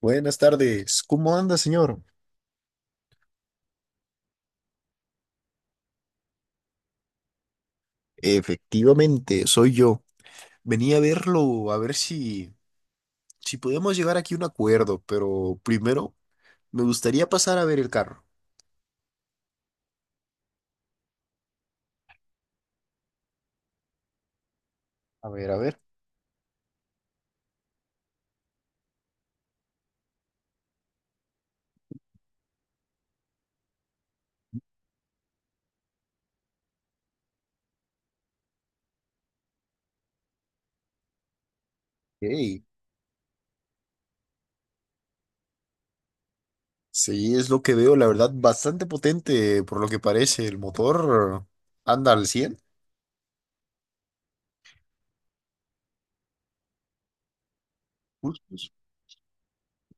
Buenas tardes, ¿cómo anda, señor? Efectivamente, soy yo. Venía a verlo, a ver si podemos llegar aquí a un acuerdo, pero primero me gustaría pasar a ver el carro. A ver, a ver. Ey. Sí, es lo que veo, la verdad, bastante potente por lo que parece. El motor anda al 100. Justo, eso,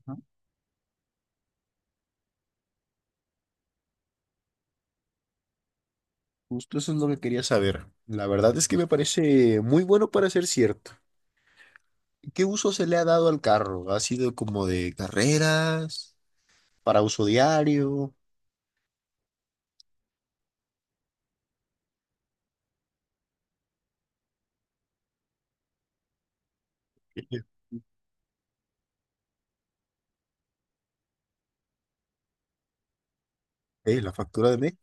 ajá, justo eso es lo que quería saber. La verdad es que me parece muy bueno para ser cierto. ¿Qué uso se le ha dado al carro? ¿Ha sido como de carreras? Para uso diario, la factura de mes.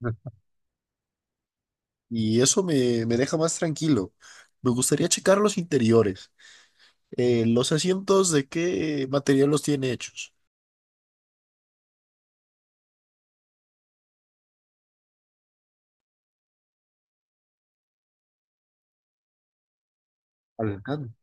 Y eso me deja más tranquilo. Me gustaría checar los interiores. Los asientos, ¿de qué material los tiene hechos? Alacrán.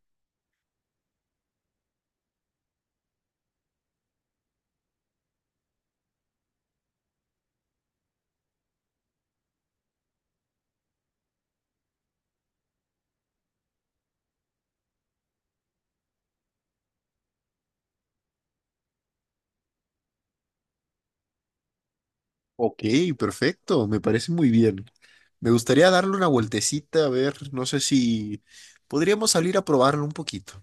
Ok, perfecto. Me parece muy bien. Me gustaría darle una vueltecita, a ver, no sé si podríamos salir a probarlo un poquito.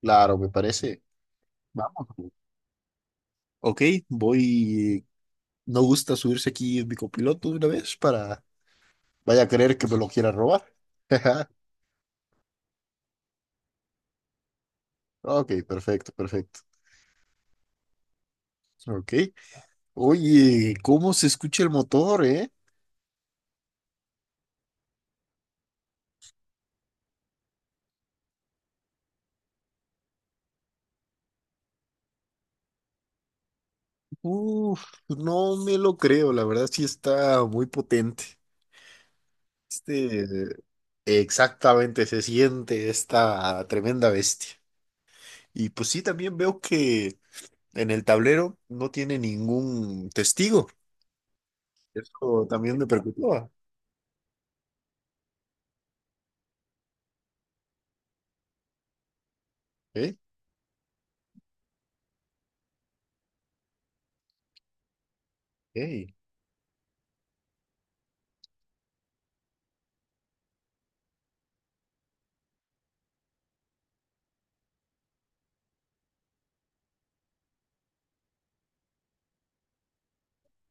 Claro, me parece. Vamos. Ok, voy. No gusta subirse aquí en mi copiloto de una vez para vaya a creer que me lo quiera robar. Ok, perfecto, perfecto. Ok. Oye, ¿cómo se escucha el motor, eh? Uf, no me lo creo, la verdad sí está muy potente. Este, exactamente, se siente esta tremenda bestia. Y pues sí, también veo que en el tablero no tiene ningún testigo. Eso también me preocupa. ¿Eh? Ey.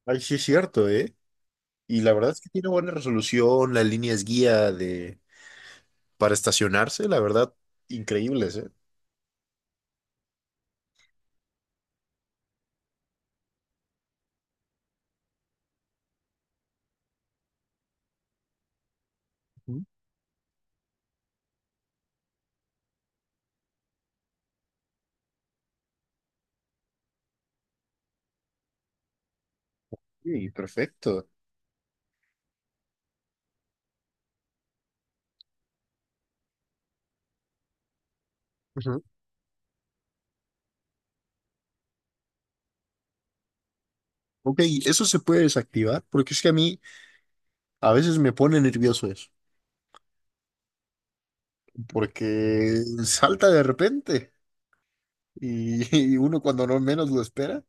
Ay, sí es cierto, ¿eh? Y la verdad es que tiene buena resolución, la línea es guía de para estacionarse, la verdad, increíbles, ¿eh? Ujú. Sí, perfecto. Ujú. Ok, ¿eso se puede desactivar? Porque es que a mí a veces me pone nervioso eso, porque salta de repente y, y uno cuando no menos lo espera,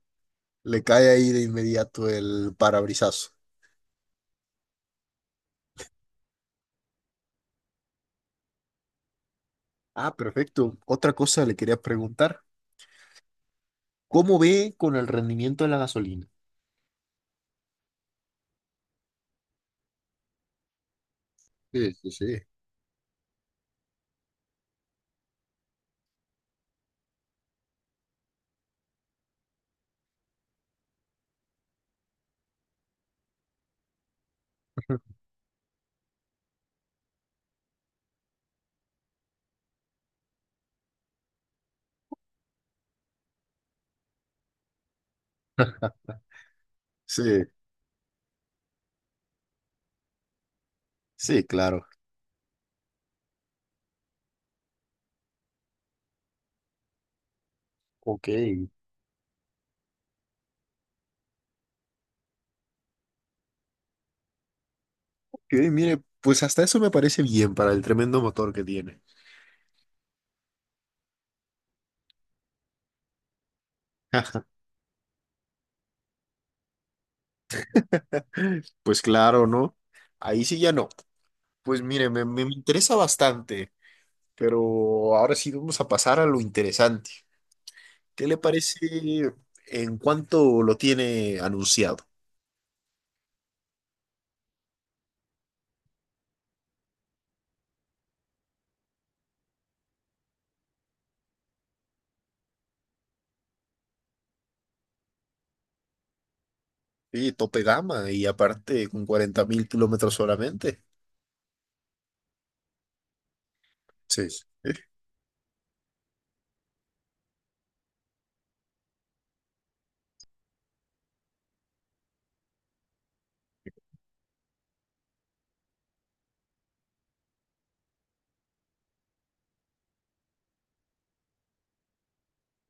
le cae ahí de inmediato el parabrisazo. Ah, perfecto. Otra cosa le quería preguntar, ¿cómo ve con el rendimiento de la gasolina? Sí, sí, sí. Sí, sí, claro. Ok. Que, mire, pues hasta eso me parece bien para el tremendo motor que tiene. Pues claro, ¿no? Ahí sí ya no. Pues mire, me interesa bastante, pero ahora sí vamos a pasar a lo interesante. ¿Qué le parece en cuánto lo tiene anunciado? Sí, tope gama y aparte con 40.000 kilómetros solamente. Sí.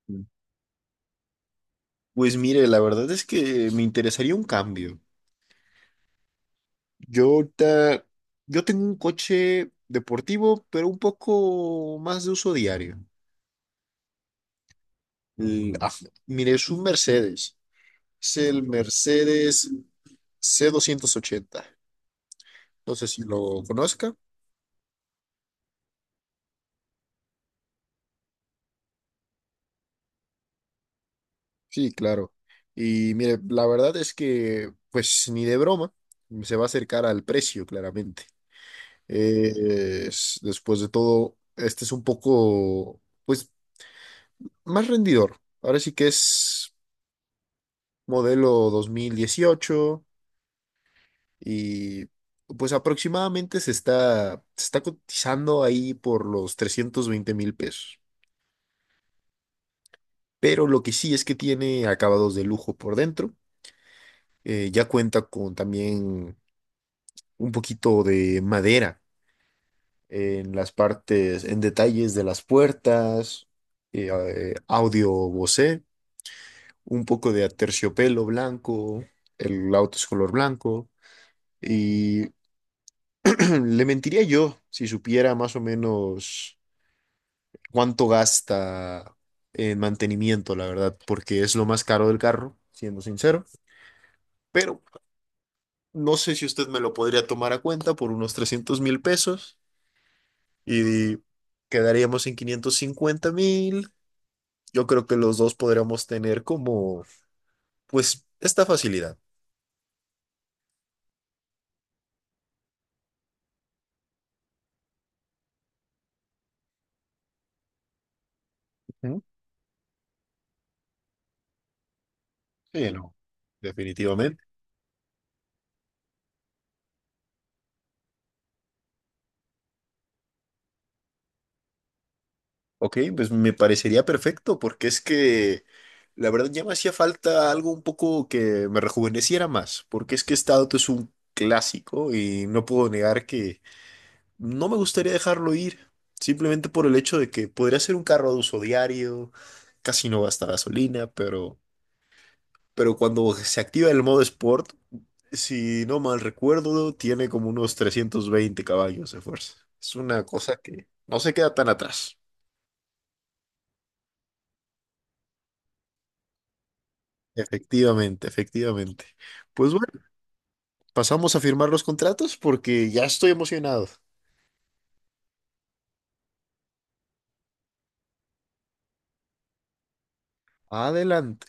¿Eh? Pues mire, la verdad es que me interesaría un cambio. Yo ahorita, yo tengo un coche deportivo, pero un poco más de uso diario. El- ah, Mire, es un Mercedes. Es el Mercedes c 280. No sé si lo conozca. Sí, claro. Y mire, la verdad es que, pues ni de broma, se va a acercar al precio, claramente. Después de todo, este es un poco pues más rendidor. Ahora sí que es modelo 2018 y pues aproximadamente se está cotizando ahí por los 320.000 pesos. Pero lo que sí es que tiene acabados de lujo por dentro. Ya cuenta con también un poquito de madera en las partes, en detalles de las puertas, audio Bose, un poco de aterciopelo blanco, el auto es color blanco. Y le mentiría yo si supiera más o menos cuánto gasta en mantenimiento, la verdad, porque es lo más caro del carro, siendo sincero. Pero no sé si usted me lo podría tomar a cuenta por unos 300.000 pesos y quedaríamos en 550.000. Yo creo que los dos podríamos tener como, pues, esta facilidad. Ujú. Sí, no. Definitivamente. Ok, pues me parecería perfecto, porque es que la verdad ya me hacía falta algo un poco que me rejuveneciera más, porque es que este auto es un clásico y no puedo negar que no me gustaría dejarlo ir, simplemente por el hecho de que podría ser un carro de uso diario, casi no gasta gasolina, pero cuando se activa el modo Sport, si no mal recuerdo, tiene como unos 320 caballos de fuerza. Es una cosa que no se queda tan atrás. Efectivamente, efectivamente. Pues bueno, pasamos a firmar los contratos porque ya estoy emocionado. Adelante.